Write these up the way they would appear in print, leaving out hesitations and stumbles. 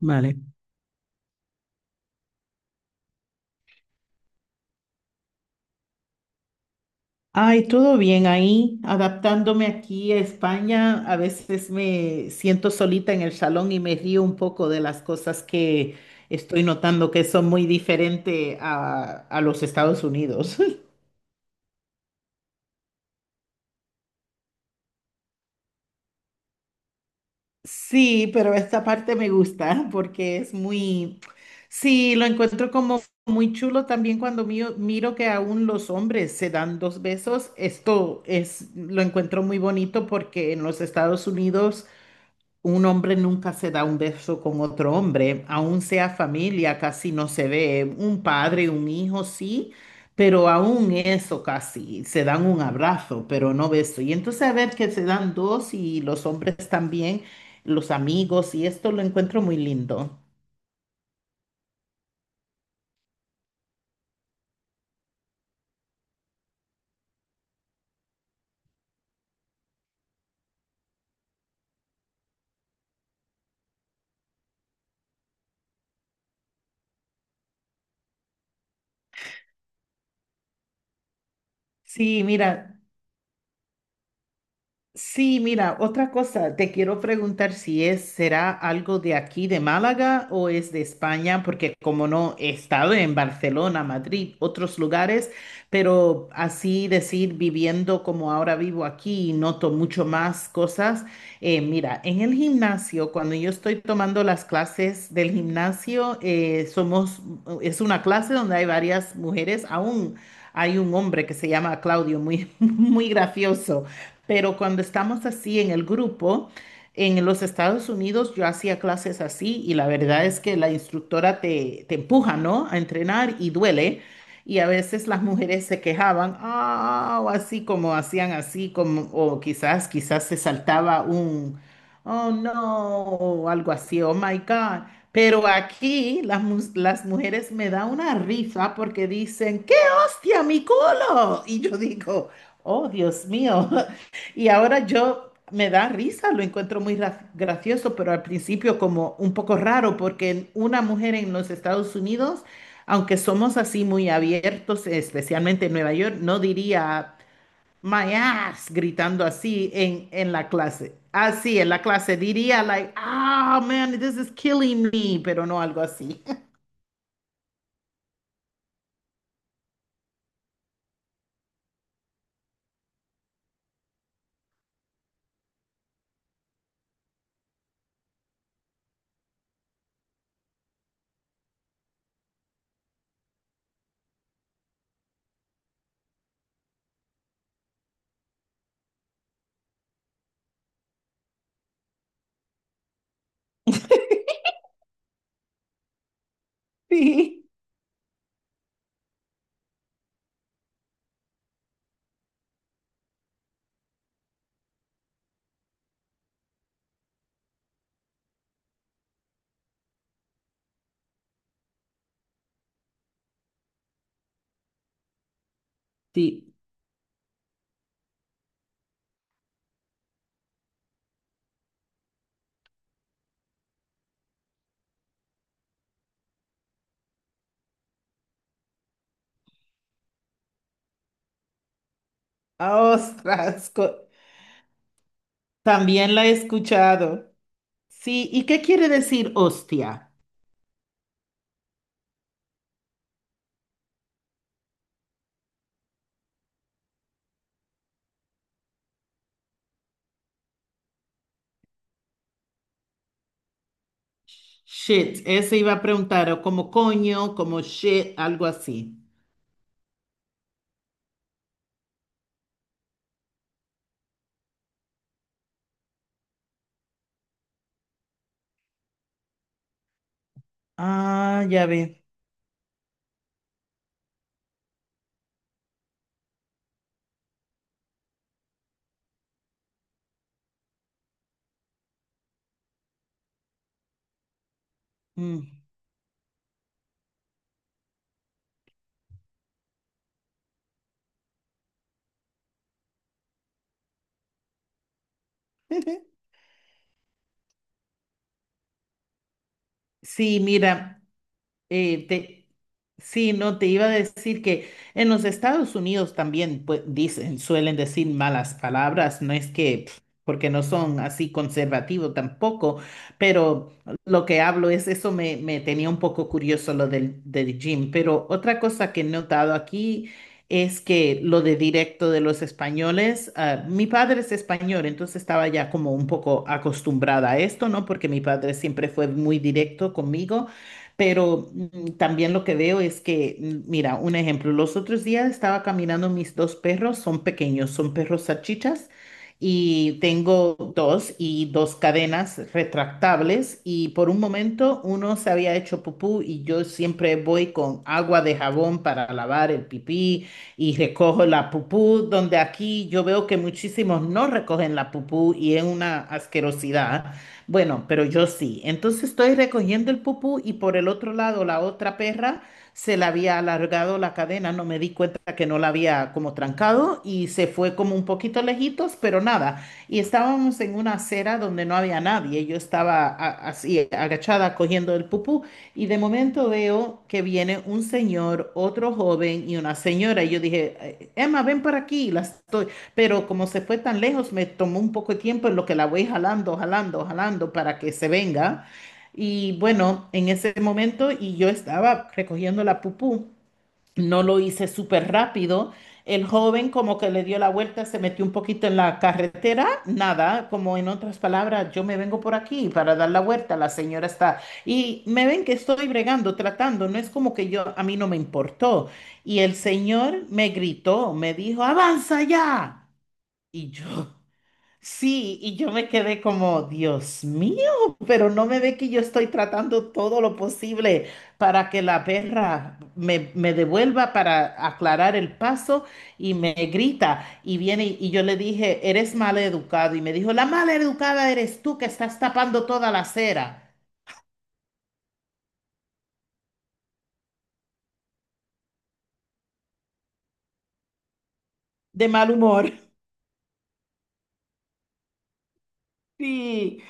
Vale. Ay, todo bien ahí, adaptándome aquí a España. A veces me siento solita en el salón y me río un poco de las cosas que estoy notando que son muy diferentes a los Estados Unidos. Sí, pero esta parte me gusta porque es muy, sí, lo encuentro como muy chulo también cuando miro que aún los hombres se dan dos besos. Esto es, lo encuentro muy bonito porque en los Estados Unidos un hombre nunca se da un beso con otro hombre, aún sea familia, casi no se ve. Un padre, un hijo, sí, pero aún eso casi. Se dan un abrazo, pero no beso. Y entonces a ver que se dan dos y los hombres también, los amigos, y esto lo encuentro muy lindo. Sí, mira. Sí, mira, otra cosa, te quiero preguntar si es, será algo de aquí de Málaga o es de España, porque como no he estado en Barcelona, Madrid, otros lugares, pero así decir, viviendo como ahora vivo aquí y noto mucho más cosas. Mira, en el gimnasio, cuando yo estoy tomando las clases del gimnasio, somos, es una clase donde hay varias mujeres, aún hay un hombre que se llama Claudio, muy, muy gracioso. Pero cuando estamos así en el grupo, en los Estados Unidos yo hacía clases así y la verdad es que la instructora te empuja, ¿no? A entrenar y duele. Y a veces las mujeres se quejaban, ah, o así como hacían así, como, o quizás se saltaba un, oh no, o algo así, oh my God. Pero aquí las, las mujeres me da una risa porque dicen, ¡qué hostia, mi culo! Y yo digo, oh, Dios mío. Y ahora yo me da risa, lo encuentro muy gracioso, pero al principio como un poco raro, porque una mujer en los Estados Unidos, aunque somos así muy abiertos, especialmente en Nueva York, no diría my ass gritando así en la clase. Así en la clase diría like, ah, man, this is killing me, pero no algo así. Sí. Sí, ostras, también la he escuchado. Sí, ¿y qué quiere decir hostia? Shit, ese iba a preguntar, o como coño, como shit, algo así. Ah, ya ve. Mm. Sí, mira. Eh, te, sí, no, te iba a decir que en los Estados Unidos también pues, dicen, suelen decir malas palabras, no es que, pf, porque no son así conservativos tampoco, pero lo que hablo es, eso me, me tenía un poco curioso lo del gym, pero otra cosa que he notado aquí es que lo de directo de los españoles, ah, mi padre es español, entonces estaba ya como un poco acostumbrada a esto, ¿no? Porque mi padre siempre fue muy directo conmigo. Pero mm, también lo que veo es que, mm, mira, un ejemplo, los otros días estaba caminando mis dos perros, son pequeños, son perros salchichas y tengo dos y dos cadenas retractables y por un momento uno se había hecho pupú y yo siempre voy con agua de jabón para lavar el pipí y recojo la pupú, donde aquí yo veo que muchísimos no recogen la pupú y es una asquerosidad. Bueno, pero yo sí. Entonces estoy recogiendo el pupú y por el otro lado la otra perra se le había alargado la cadena. No me di cuenta que no la había como trancado y se fue como un poquito lejitos, pero nada. Y estábamos en una acera donde no había nadie. Yo estaba así agachada cogiendo el pupú y de momento veo que viene un señor, otro joven y una señora. Y yo dije, Emma, ven para aquí. Las pero como se fue tan lejos, me tomó un poco de tiempo en lo que la voy jalando, jalando, jalando para que se venga. Y bueno, en ese momento, y yo estaba recogiendo la pupú, no lo hice súper rápido. El joven como que le dio la vuelta, se metió un poquito en la carretera, nada, como en otras palabras, yo me vengo por aquí para dar la vuelta, la señora está, y me ven que estoy bregando, tratando, no es como que yo, a mí no me importó. Y el señor me gritó, me dijo, avanza ya. Y yo, sí, y yo me quedé como, Dios mío, pero no me ve que yo estoy tratando todo lo posible para que la perra me devuelva para aclarar el paso y me grita y viene y yo le dije, eres mal educado y me dijo, la mal educada eres tú que estás tapando toda la acera de mal humor. Sí.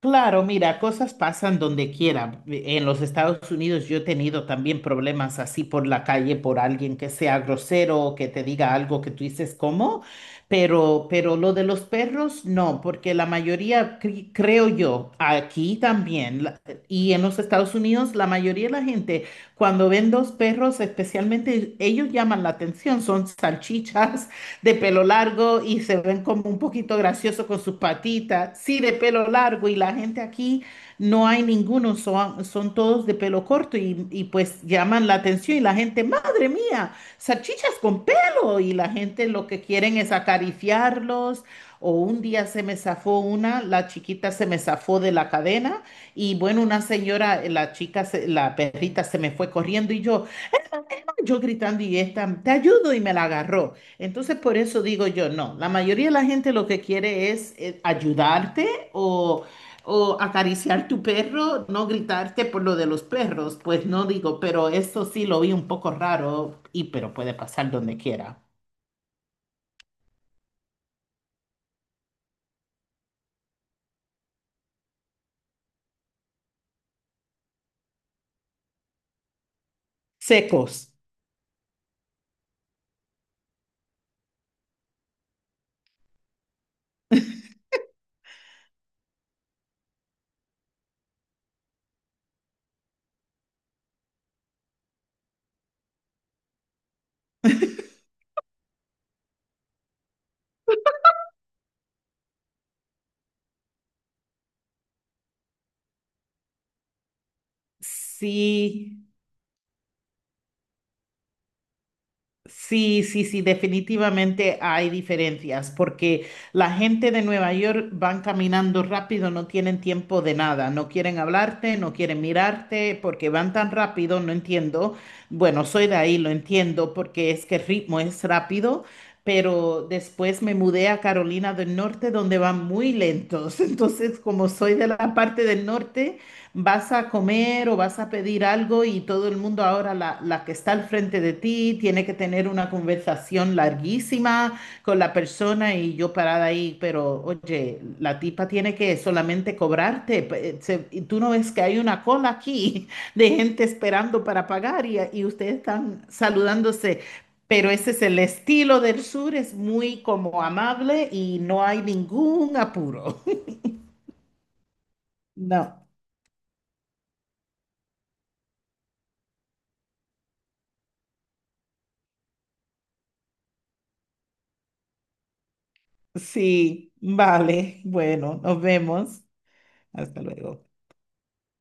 Claro, mira, cosas pasan donde quiera. En los Estados Unidos yo he tenido también problemas así por la calle por alguien que sea grosero o que te diga algo que tú dices cómo, pero lo de los perros no, porque la mayoría, creo yo, aquí también la- y en los Estados Unidos, la mayoría de la gente cuando ven dos perros, especialmente ellos llaman la atención, son salchichas de pelo largo y se ven como un poquito graciosos con sus patitas. Sí, de pelo largo y la gente aquí no hay ninguno, son, son todos de pelo corto y pues llaman la atención y la gente, madre mía, salchichas con pelo y la gente lo que quieren es acariciarlos. O un día se me zafó una, la chiquita se me zafó de la cadena y bueno, una señora, la chica, se- la perrita se me fue corriendo y yo gritando y esta, te ayudo y me la agarró. Entonces, por eso digo yo, no, la mayoría de la gente lo que quiere es ayudarte o acariciar tu perro, no gritarte por lo de los perros, pues no digo, pero eso sí lo vi un poco raro y pero puede pasar donde quiera. Secos, sí. Sí, sí, sí, definitivamente hay diferencias porque la gente de Nueva York van caminando rápido, no tienen tiempo de nada, no quieren hablarte, no quieren mirarte porque van tan rápido, no entiendo. Bueno, soy de ahí, lo entiendo porque es que el ritmo es rápido, pero después me mudé a Carolina del Norte donde van muy lentos. Entonces, como soy de la parte del norte, vas a comer o vas a pedir algo y todo el mundo ahora, la que está al frente de ti, tiene que tener una conversación larguísima con la persona y yo parada ahí, pero oye, la tipa tiene que solamente cobrarte. Y tú no ves que hay una cola aquí de gente esperando para pagar y ustedes están saludándose. Pero ese es el estilo del sur, es muy como amable y no hay ningún apuro. No. Sí, vale. Bueno, nos vemos. Hasta luego.